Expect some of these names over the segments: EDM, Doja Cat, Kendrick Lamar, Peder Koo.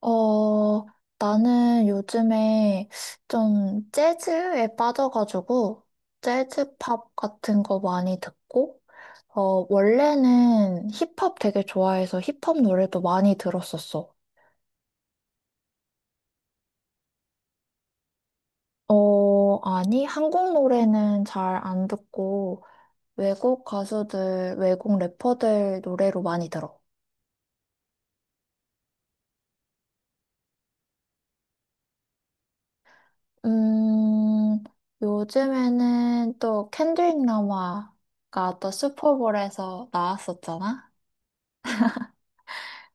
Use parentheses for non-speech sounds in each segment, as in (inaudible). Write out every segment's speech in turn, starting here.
어, 나는 요즘에 좀 재즈에 빠져가지고, 재즈 팝 같은 거 많이 듣고, 원래는 힙합 되게 좋아해서 힙합 노래도 많이 들었었어. 아니, 한국 노래는 잘 안 듣고, 외국 가수들, 외국 래퍼들 노래로 많이 들어. 음, 요즘에는 또 켄드릭 라마가 또 슈퍼볼에서 나왔었잖아?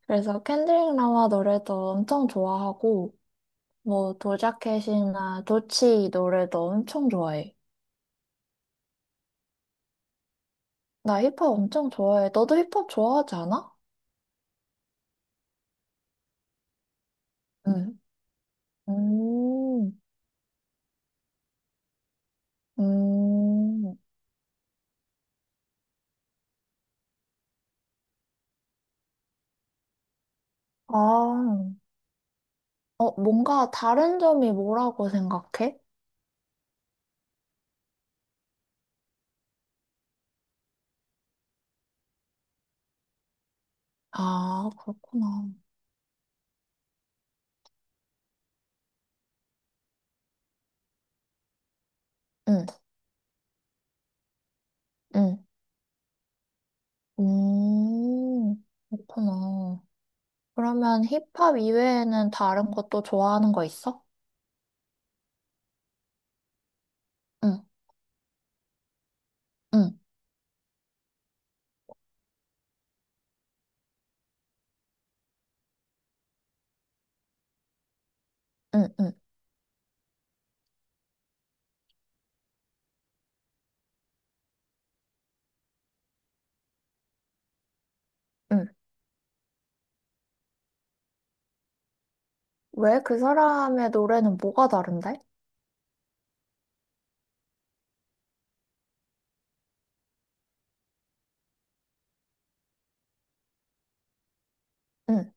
그래서 캔드릭 라마 노래도 엄청 좋아하고, 뭐 도자켓이나 도치 노래도 엄청 좋아해. 나 힙합 엄청 좋아해. 너도 힙합 좋아하지 않아? 응. 음, 음, 아, 어, 뭔가 다른 점이 뭐라고 생각해? 아, 그렇구나. 응, 응, 그렇구나. 그러면 힙합 이외에는 다른 것도 좋아하는 거 있어? 응, 응, 응, 응. 응. 왜? 그 사람의 노래는 뭐가 다른데? 응,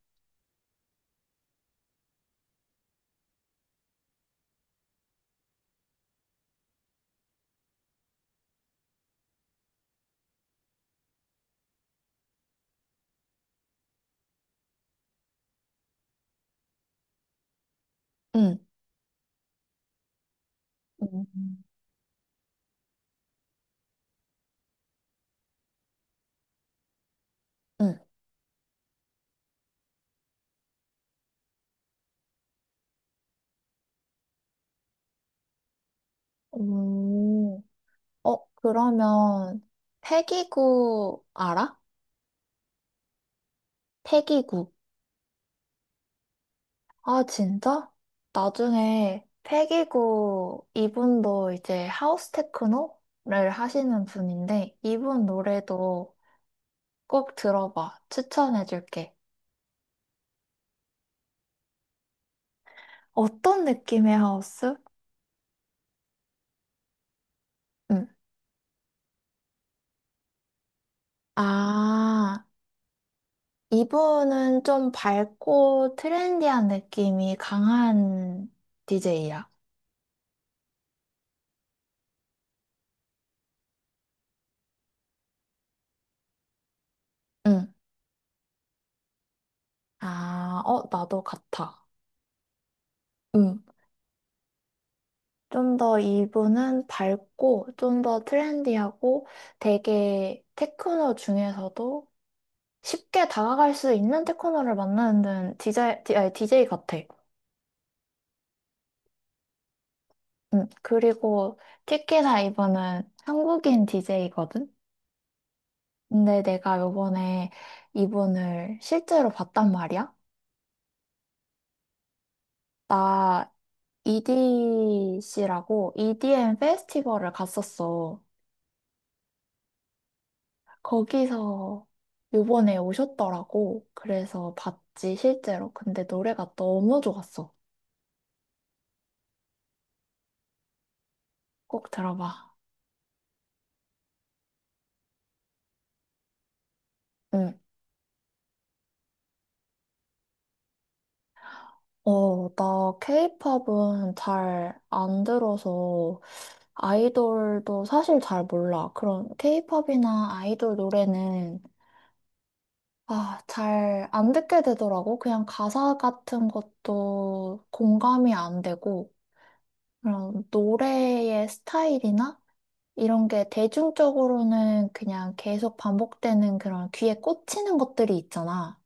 응, 음. 응. 오, 그러면 패기구 알아? 패기구. 아, 진짜? 나중에 패기구 이분도 이제 하우스 테크노를 하시는 분인데 이분 노래도 꼭 들어봐. 추천해줄게. 어떤 느낌의 하우스? 응. 아. 이분은 좀 밝고 트렌디한 느낌이 강한 DJ야. 응. 아, 나도 같아. 응. 좀 더 이분은 밝고 좀 더 트렌디하고 되게 테크노 중에서도 쉽게 다가갈 수 있는 테크노를 만나는 DJ, 아니, DJ 같아. 응. 그리고 특히나 이분은 한국인 DJ거든? 근데 내가 요번에 이분을 실제로 봤단 말이야. 나 EDC라고 EDM 페스티벌을 갔었어. 거기서 요번에 오셨더라고. 그래서 봤지, 실제로. 근데 노래가 너무 좋았어. 꼭 들어봐. 응. 나 케이팝은 잘 안 들어서 아이돌도 사실 잘 몰라. 그런 케이팝이나 아이돌 노래는 아, 잘 안 듣게 되더라고. 그냥 가사 같은 것도 공감이 안 되고. 그런 노래의 스타일이나 이런 게 대중적으로는 그냥 계속 반복되는 그런 귀에 꽂히는 것들이 있잖아.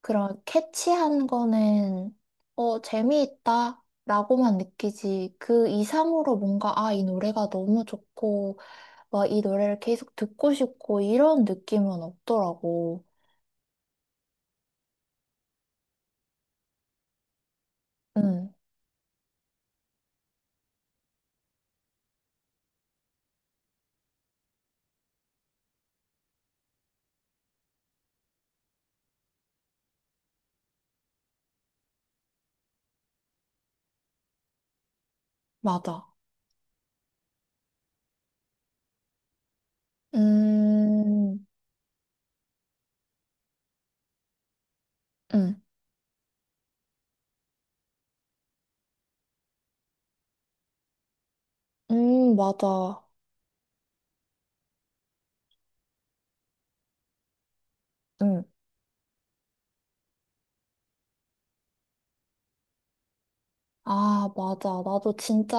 그런 캐치한 거는 재미있다. 라고만 느끼지. 그 이상으로 뭔가, 아, 이 노래가 너무 좋고, 막 이 노래를 계속 듣고 싶고, 이런 느낌은 없더라고. 응, 맞아. 음, 응, 맞아. 응. 아, 맞아. 나도 진짜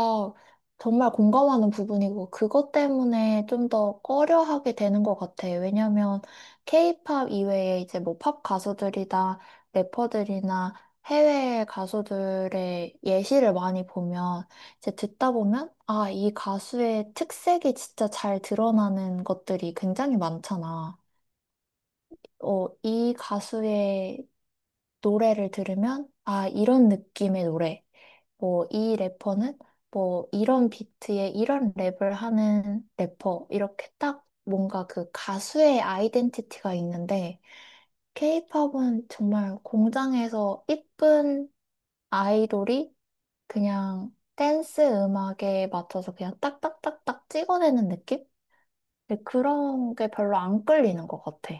정말 공감하는 부분이고, 그것 때문에 좀 더 꺼려하게 되는 것 같아. 왜냐면, 케이팝 이외에 이제 뭐 팝 가수들이나 래퍼들이나 해외 가수들의 예시를 많이 보면, 이제 듣다 보면, 아, 이 가수의 특색이 진짜 잘 드러나는 것들이 굉장히 많잖아. 이 가수의 노래를 들으면, 아, 이런 느낌의 노래. 뭐, 이 래퍼는 뭐, 이런 비트에 이런 랩을 하는 래퍼. 이렇게 딱 뭔가 그 가수의 아이덴티티가 있는데, 케이팝은 정말 공장에서 이쁜 아이돌이 그냥 댄스 음악에 맞춰서 그냥 딱딱딱딱 찍어내는 느낌? 근데 그런 게 별로 안 끌리는 것 같아.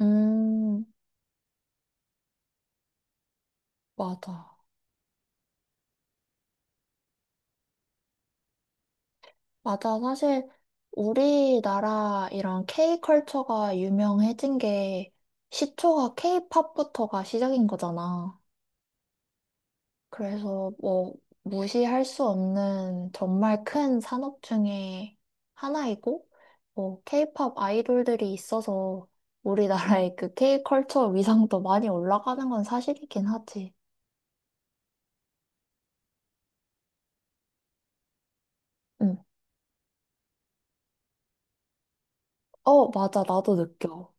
음, 맞아. 맞아. 사실 우리나라 이런 K컬처가 유명해진 게 시초가 K팝부터가 시작인 거잖아. 그래서 뭐 무시할 수 없는 정말 큰 산업 중에 하나이고, 뭐 K팝 아이돌들이 있어서 우리나라의 그 K컬처 위상도 많이 올라가는 건 사실이긴 하지. 응. 맞아. 나도 느껴.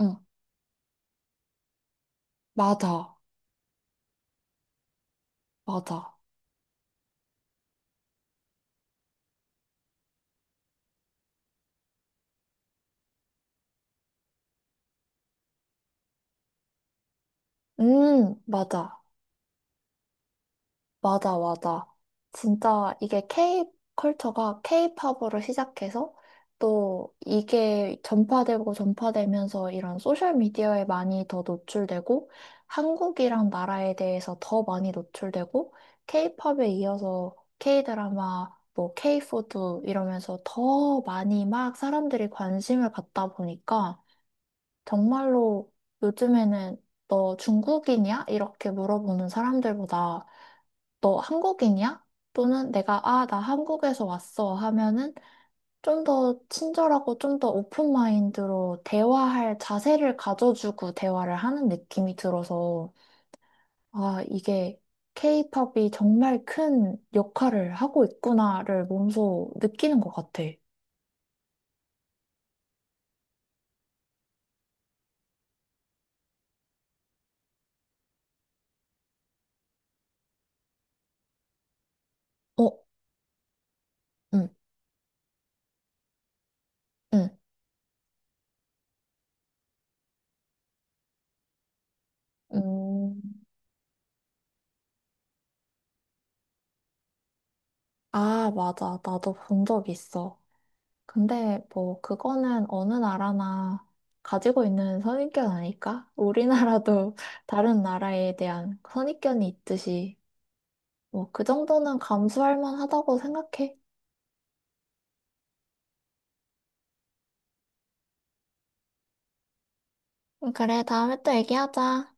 응. 맞아. 맞아. 맞아. 맞아, 맞아. 진짜 이게 K 컬처가 K팝으로 시작해서 또 이게 전파되고 전파되면서 이런 소셜 미디어에 많이 더 노출되고 한국이랑 나라에 대해서 더 많이 노출되고 K팝에 이어서 K드라마, 뭐 K푸드 이러면서 더 많이 막 사람들이 관심을 갖다 보니까 정말로 요즘에는 너 중국인이야? 이렇게 물어보는 사람들보다 너 한국인이야? 또는 내가 아, 나 한국에서 왔어 하면은 좀 더 친절하고 좀 더 오픈 마인드로 대화할 자세를 가져주고 대화를 하는 느낌이 들어서 아, 이게 케이팝이 정말 큰 역할을 하고 있구나를 몸소 느끼는 것 같아. 어, 응, 응, 음. 아, 맞아. 나도 본 적 있어. 근데 뭐 그거는 어느 나라나 가지고 있는 선입견 아닐까? 우리나라도 (laughs) 다른 나라에 대한 선입견이 있듯이 뭐 그 정도는 감수할 만하다고 생각해. 그래, 다음에 또 얘기하자.